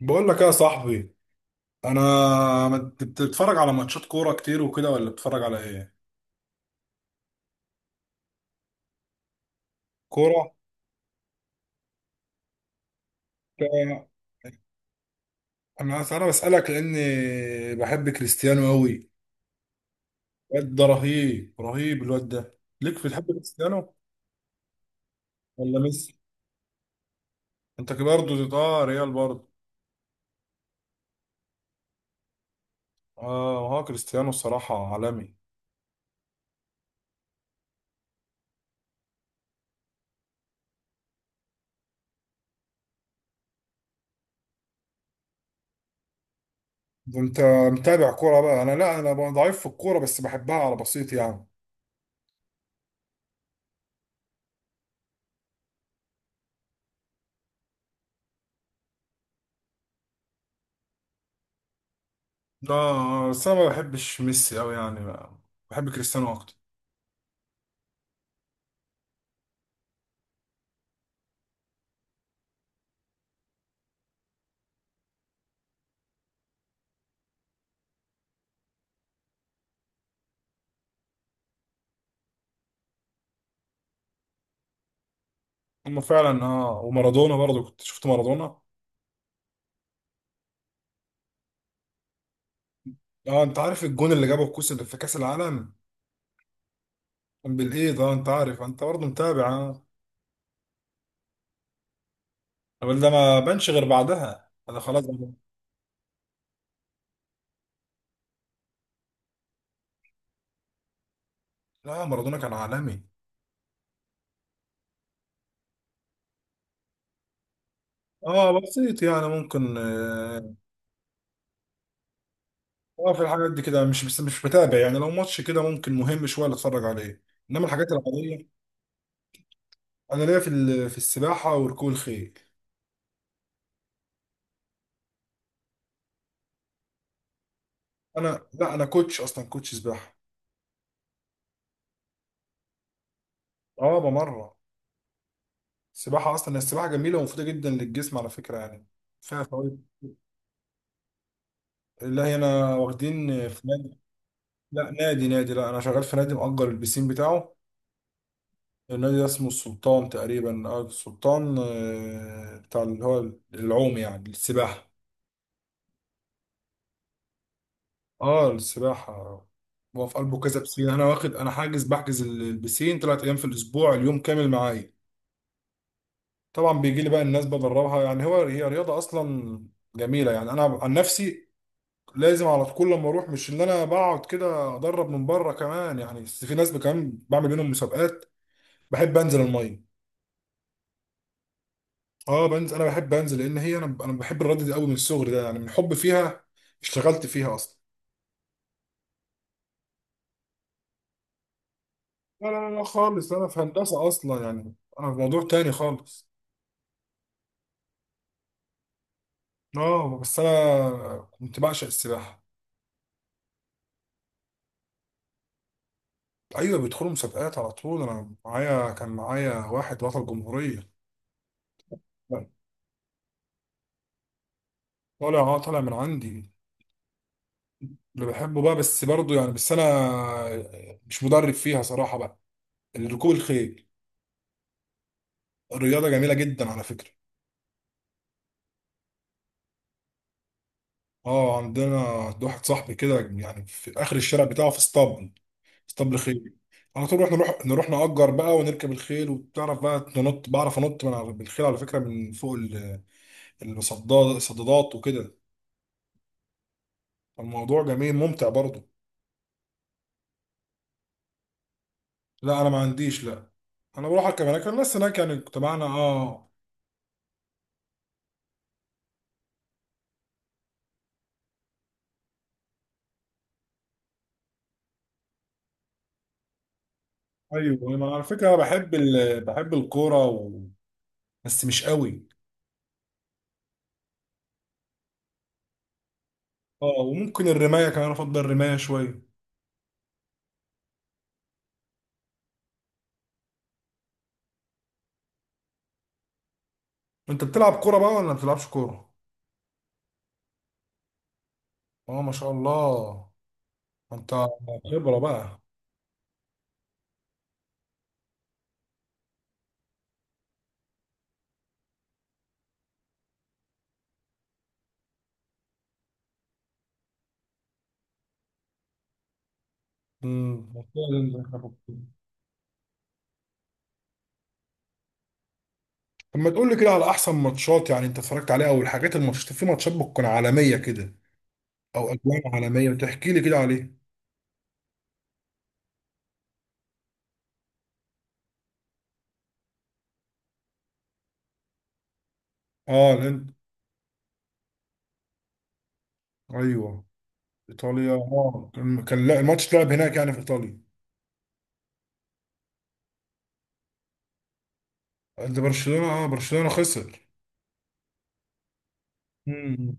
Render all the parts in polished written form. بقول لك ايه يا صاحبي، انا بتتفرج على ماتشات كوره كتير وكده، ولا بتتفرج على ايه؟ كوره. ك- انا بسالك لاني بحب كريستيانو قوي. الواد ده رهيب رهيب. الواد ده، ليك في؟ تحب كريستيانو ولا ميسي؟ انت كده برضه؟ اه، ريال برضه. اه، هو كريستيانو الصراحه عالمي. ده انت متابع كوره بقى. انا لا، انا ضعيف في الكوره بس بحبها على بسيط يعني. لا بس انا ما بحبش ميسي قوي يعني، بحب كريستيانو اكتر. هم فعلا، اه. ومارادونا برضه، كنت شفت مارادونا. اه، انت عارف الجون اللي جابه الكوس اللي في كاس العالم؟ كان بالايد. اه، انت عارف، انت برضه متابع. اه. الراجل ده ما بانش غير بعدها، انا خلاص بقى. لا، مارادونا كان عالمي. اه بسيط يعني، ممكن اه. آه، في الحاجات دي كده، مش بس مش متابع يعني. لو ماتش كده ممكن مهم شويه اللي اتفرج عليه، انما الحاجات العاديه. انا ليا في في السباحه وركوب الخيل. انا لا، انا كوتش، اصلا كوتش سباحه. اه، بمرة. السباحة أصلا السباحة جميلة ومفيدة جدا للجسم على فكرة يعني. فيها فوائد. لا، هنا واخدين في نادي. لا نادي نادي، لا أنا شغال في نادي مأجر البسين بتاعه. النادي ده اسمه السلطان تقريبا، اه السلطان. بتاع اللي هو العوم، يعني السباحة. اه السباحة. هو في قلبه كذا بسين، أنا واخد، أنا حاجز بحجز البسين 3 أيام في الأسبوع، اليوم كامل معايا. طبعا بيجي لي بقى الناس بدربها يعني. هو هي رياضة أصلا جميلة يعني. أنا عن نفسي لازم على طول لما اروح، مش اللي انا بقعد كده ادرب من بره كمان يعني، بس في ناس كمان بعمل بينهم مسابقات. بحب انزل الميه. اه بنزل. انا بحب انزل لان هي، انا بحب الرياضه دي قوي من الصغر ده يعني، من حب فيها اشتغلت فيها اصلا. لا لا لا لا خالص، انا في هندسه اصلا يعني، انا في موضوع تاني خالص. اه بس انا كنت بعشق السباحه. ايوه، بيدخلوا مسابقات على طول، انا معايا كان معايا واحد بطل جمهوريه. طالع، اه طالع من عندي. اللي بحبه بقى، بس برضه يعني، بس انا مش مدرب فيها صراحه بقى. ركوب الخيل الرياضه جميله جدا على فكره. اه عندنا عند واحد صاحبي كده يعني، في اخر الشارع بتاعه في اسطبل، اسطبل خيل. على طول احنا نروح، نروح نأجر بقى ونركب الخيل. وبتعرف بقى ننط، بعرف انط من على بالخيل على فكره، من فوق الصداد، الصدادات وكده. الموضوع جميل ممتع برضه. لا، انا ما عنديش لا. انا بروح اركب هناك، الناس هناك يعني تبعنا، اه. ايوه، انا على فكره بحب بحب الكوره و... بس مش قوي. اه وممكن الرمايه كمان، افضل الرمايه شويه. انت بتلعب كوره بقى ولا ما بتلعبش كوره؟ اه ما شاء الله. انت خبره بقى. امم. طب ما تقول لي كده على احسن ماتشات يعني انت اتفرجت عليها، او الحاجات الماتشات، في ماتشات بتكون عالميه كده او اجوان عالميه، وتحكي لي كده عليها. اه، الهند. ايوه ايطاليا. اه، كان لا، الماتش اتلعب هناك يعني في ايطاليا. ده برشلونه، اه، برشلونه خسر. مم.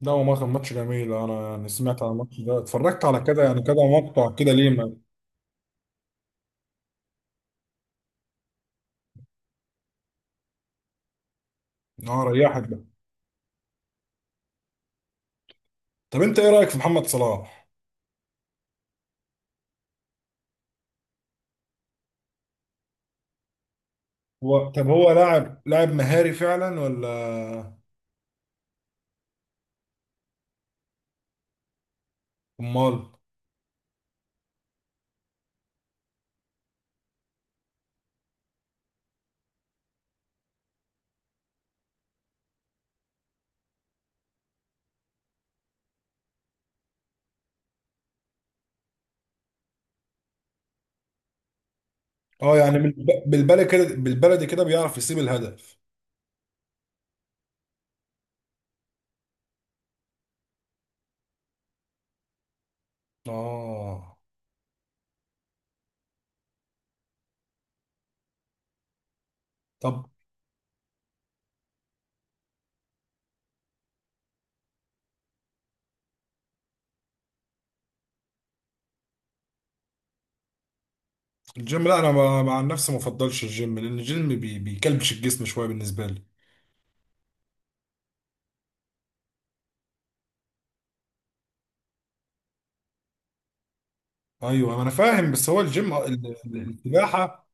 لا هو، ما كان ماتش جميل، انا يعني سمعت عن الماتش ده، اتفرجت على كده يعني كده، مقطع كده ليه ما. اه ريحك ده. طب انت ايه رايك في محمد صلاح؟ هو طب، هو لاعب مهاري فعلا، ولا؟ امال. اه يعني بالبلدي كده، بالبلدي كده بيعرف يسيب الهدف. اه. طب الجيم، لا انا مع نفسي ما بفضلش الجيم، لان الجيم بيكلبش الجسم شويه بالنسبه لي. ايوه ما انا فاهم، بس هو الجيم. السباحه.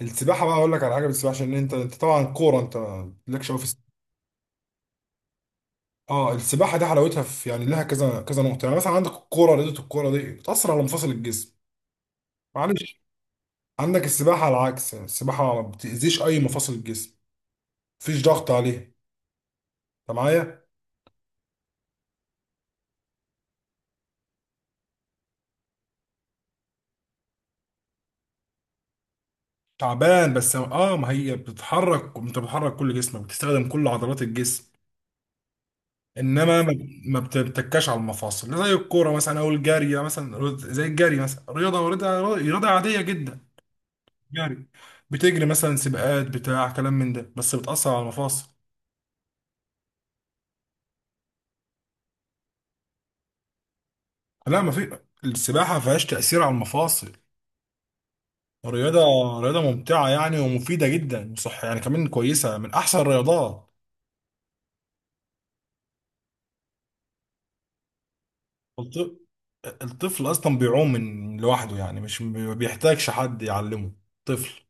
السباحه بقى، اقول لك على حاجه. بالسباحه عشان انت طبعا كوره، انت مالكش قوي في. اه السباحه دي حلاوتها في، يعني لها كذا كذا نقطه يعني. مثلا عندك الكوره، رياضه الكوره دي بتاثر على مفاصل الجسم، معلش. عندك السباحه على العكس، يعني السباحه ما بتاذيش اي مفاصل الجسم، مفيش ضغط عليه. انت معايا؟ تعبان بس، اه. ما هي بتتحرك، انت بتحرك كل جسمك، بتستخدم كل عضلات الجسم. انما ما بتتكاش على المفاصل زي الكوره مثلا او الجري يعني. مثلا زي الجري مثلا، رياضه رياضه رياضه عاديه جدا، جري، بتجري مثلا سباقات بتاع كلام من ده، بس بتاثر على المفاصل. لا، ما في السباحة ما فيهاش تأثير على المفاصل. رياضة رياضة ممتعة يعني، ومفيدة جدا وصح يعني كمان، كويسة من أحسن الرياضات. الط- الطفل أصلا بيعوم من لوحده يعني، مش ما بيحتاجش حد يعلمه. طفل،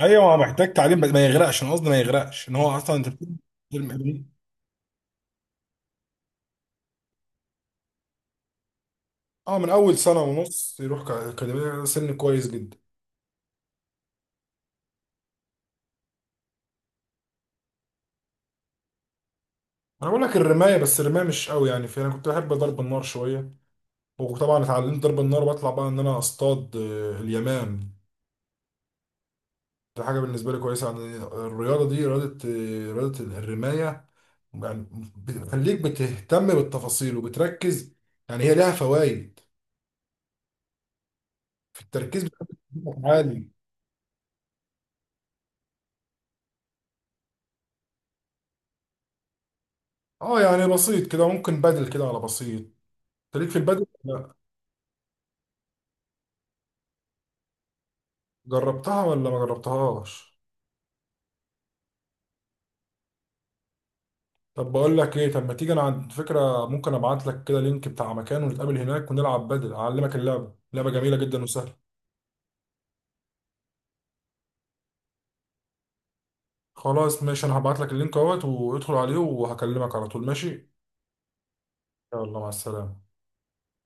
أيوة هو محتاج تعليم، بس ما يغرقش. أنا قصدي ما يغرقش إن هو أصلا، أنت بترمي. أه، من أول سنة ونص يروح أكاديمية، سن كويس جدا. أنا بقول لك الرماية، بس الرماية مش قوي يعني في. أنا كنت بحب ضرب النار شوية، وطبعا اتعلمت ضرب النار، وبطلع بقى ان انا اصطاد اليمام. دي حاجه بالنسبه لي كويسه يعني. الرياضه دي رياضه، رياضه الرمايه يعني، بتخليك بتهتم بالتفاصيل وبتركز، يعني هي لها فوائد في التركيز بتاعك. عالي. اه يعني بسيط كده، ممكن بدل كده على بسيط. أنت ليك في البدل؟ لا. جربتها ولا ما جربتهاش؟ طب بقول لك ايه، طب ما تيجي، انا عندي فكره. ممكن ابعت لك كده لينك بتاع مكان، ونتقابل هناك، ونلعب بدل، اعلمك اللعبه. لعبه جميله جدا وسهله. خلاص ماشي، انا هبعت لك اللينك اهوت، وادخل عليه، وهكلمك على طول، ماشي. يلا مع السلامة.